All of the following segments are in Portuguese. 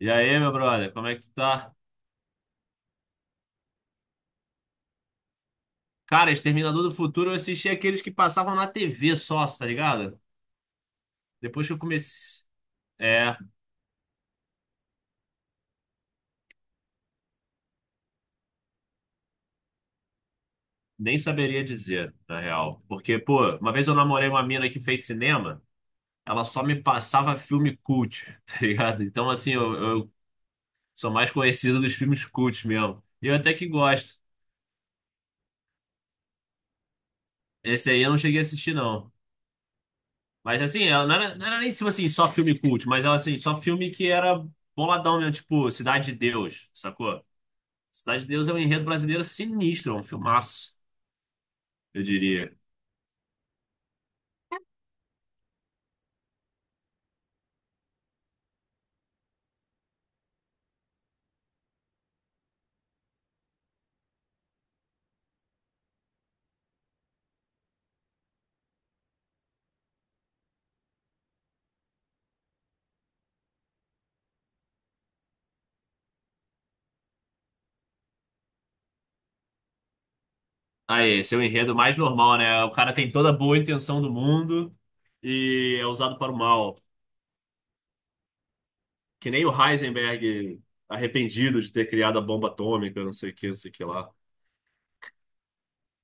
E aí, meu brother, como é que tu tá? Cara, Exterminador do Futuro, eu assisti aqueles que passavam na TV só, tá ligado? Depois que eu comecei. É, nem saberia dizer, na real. Porque, pô, uma vez eu namorei uma mina que fez cinema, ela só me passava filme cult, tá ligado? Então, assim, eu sou mais conhecido dos filmes cult mesmo. E eu até que gosto. Esse aí eu não cheguei a assistir, não. Mas, assim, ela não era nem tipo assim, só filme cult, mas ela, assim, só filme que era boladão mesmo, tipo Cidade de Deus, sacou? Cidade de Deus é um enredo brasileiro sinistro, é um filmaço, eu diria. Ah é, esse é o enredo mais normal, né? O cara tem toda a boa intenção do mundo e é usado para o mal. Que nem o Heisenberg arrependido de ter criado a bomba atômica, não sei o que, não sei o que lá.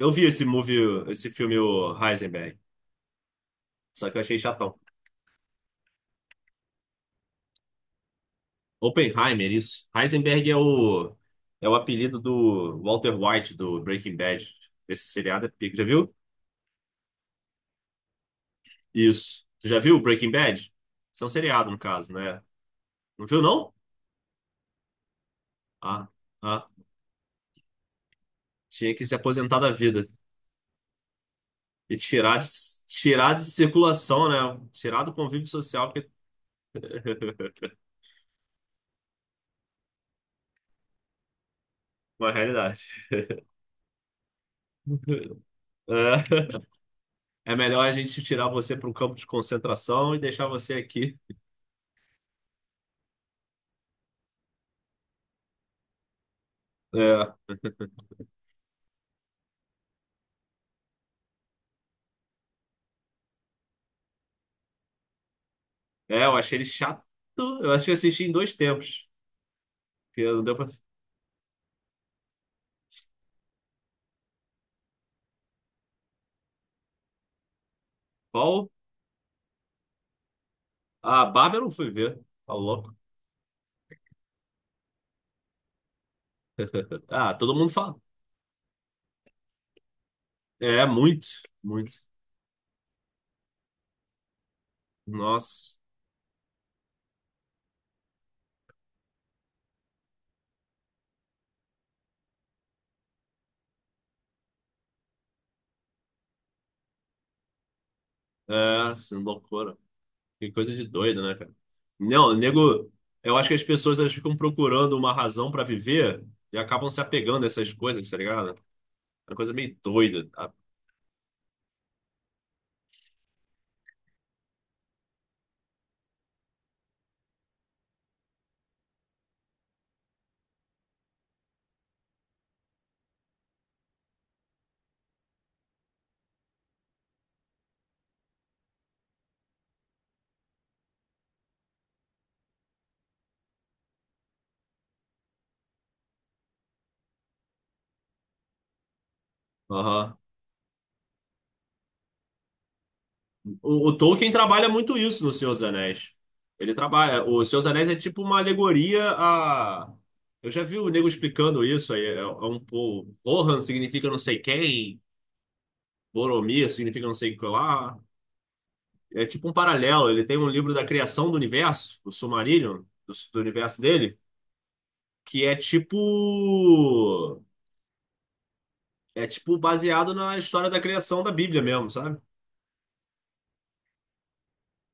Eu vi esse movie, esse filme, o Heisenberg, só que eu achei chatão. Oppenheimer, isso. Heisenberg é o apelido do Walter White, do Breaking Bad. Esse seriado é pica. Já viu? Isso. Você já viu Breaking Bad? Isso é um seriado, no caso, né? Não viu, não? Ah, ah. Tinha que se aposentar da vida e tirar de circulação, né? Tirar do convívio social, que uma realidade. É, é melhor a gente tirar você para um campo de concentração e deixar você aqui. É, é, eu achei ele chato. Eu acho que assisti em dois tempos. Porque não deu pra... Qual? A Bárbara eu não fui ver. Tá louco. Ah, todo mundo fala. É, muito, muito. Nossa, é, assim, loucura. Que coisa de doido, né, cara? Não, nego, eu acho que as pessoas elas ficam procurando uma razão pra viver e acabam se apegando a essas coisas, tá ligado? É uma coisa meio doida, tá? Aham. O Tolkien trabalha muito isso no Senhor dos Anéis. Ele trabalha. O Senhor dos Anéis é tipo uma alegoria a. Eu já vi o nego explicando isso aí. É, é um pouco. Rohan significa não sei quem, Boromir significa não sei o que lá. É tipo um paralelo. Ele tem um livro da criação do universo, o Silmarillion, do universo dele, que é tipo. É tipo baseado na história da criação da Bíblia mesmo, sabe?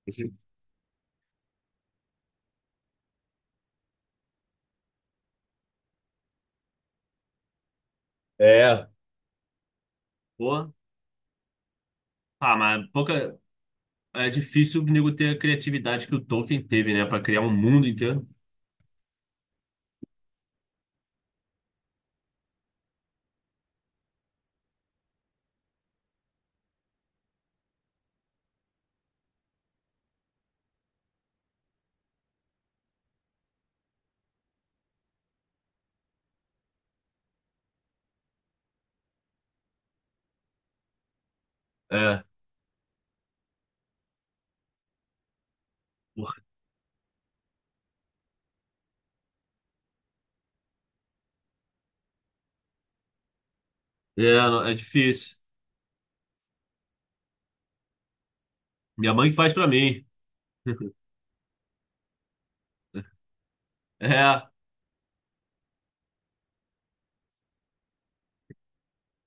Esse- é, pô. Ah, mas pouca. É difícil o nego ter a criatividade que o Tolkien teve, né? Pra criar um mundo inteiro. É. Porra. É, não, é difícil. Minha mãe que faz pra mim. É.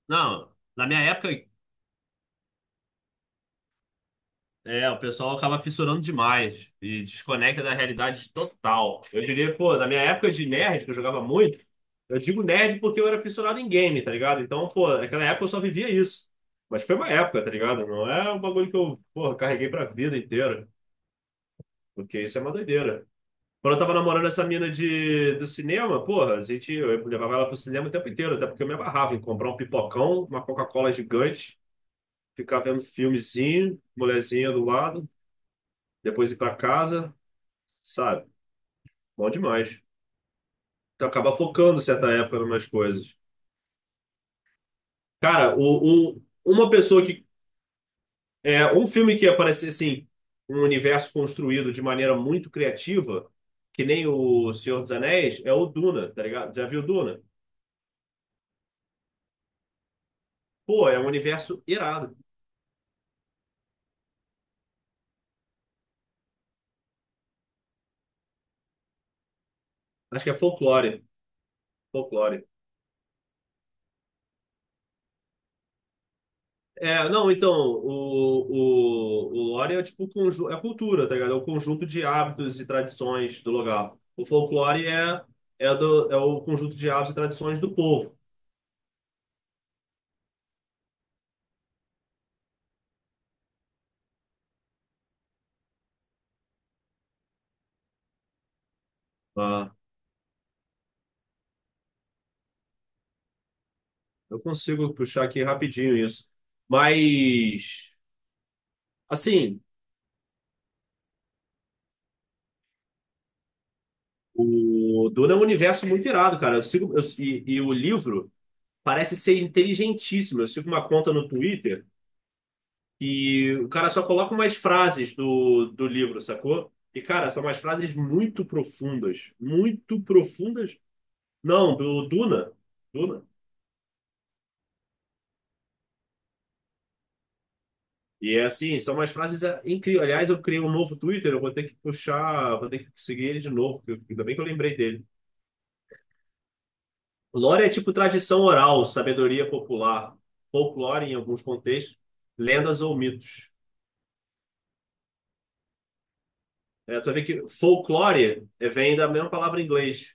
Não, na minha época. É, o pessoal acaba fissurando demais e desconecta da realidade total. Eu diria, pô, na minha época de nerd, que eu jogava muito, eu digo nerd porque eu era fissurado em game, tá ligado? Então, pô, naquela época eu só vivia isso. Mas foi uma época, tá ligado? Não é um bagulho que eu, porra, carreguei pra vida inteira, porque isso é uma doideira. Quando eu tava namorando essa mina de, do cinema, porra, a gente, eu levava ela pro cinema o tempo inteiro, até porque eu me abarrava em comprar um pipocão, uma Coca-Cola gigante, ficar vendo filmezinho, mulherzinha do lado, depois ir pra casa sabe? Bom demais. Tu acaba focando certa época em umas coisas. Cara, o, um- uma pessoa que. É, um filme que aparecer assim, um universo construído de maneira muito criativa, que nem o Senhor dos Anéis, é o Duna, tá ligado? Já viu Duna? Pô, é um universo irado. Acho que é folclore. Folclore. É, não, então, o lore é tipo conju- é cultura, tá ligado? É o conjunto de hábitos e tradições do lugar. O folclore é, é, do, é o conjunto de hábitos e tradições do povo. Ah, eu consigo puxar aqui rapidinho isso. Mas, assim, o Duna é um universo muito irado, cara. Eu sigo, eu- e o livro parece ser inteligentíssimo. Eu sigo uma conta no Twitter. E o cara só coloca umas frases do livro, sacou? E, cara, são umas frases muito profundas. Muito profundas. Não, do Duna. Duna. E é assim, são umas frases incríveis. Aliás, eu criei um novo Twitter, eu vou ter que puxar, vou ter que seguir ele de novo, porque eu- ainda bem que eu lembrei dele. Lore é tipo tradição oral, sabedoria popular, folclore em alguns contextos, lendas ou mitos. É, tu vai ver que folclore vem da mesma palavra em inglês.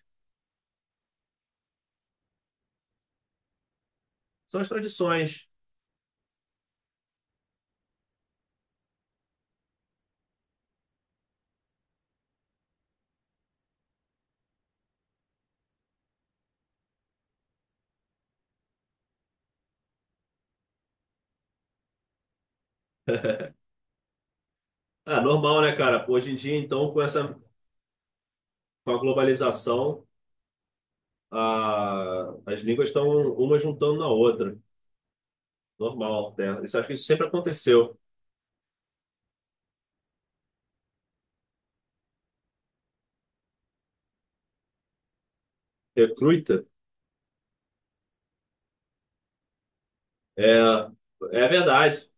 São as tradições. É normal, né, cara? Hoje em dia, então, com essa, com a globalização, a, as línguas estão uma juntando na outra. Normal, né? Isso, acho que isso sempre aconteceu. Recruta, é, é verdade.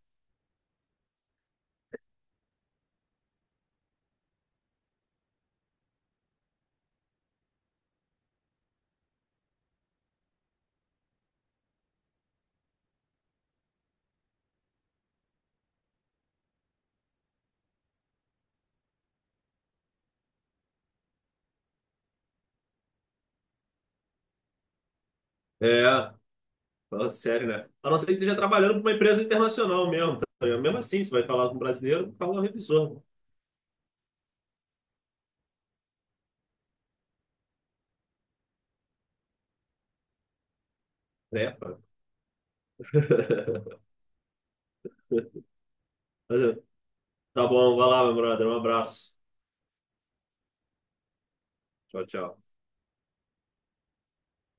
É, fala sério, né? A não ser que esteja trabalhando para uma empresa internacional mesmo, tá? Mesmo assim, você vai falar com um brasileiro, fala um revisor. Trepa. Mas, é, tá bom, vai lá, meu brother. Um abraço. Tchau, tchau.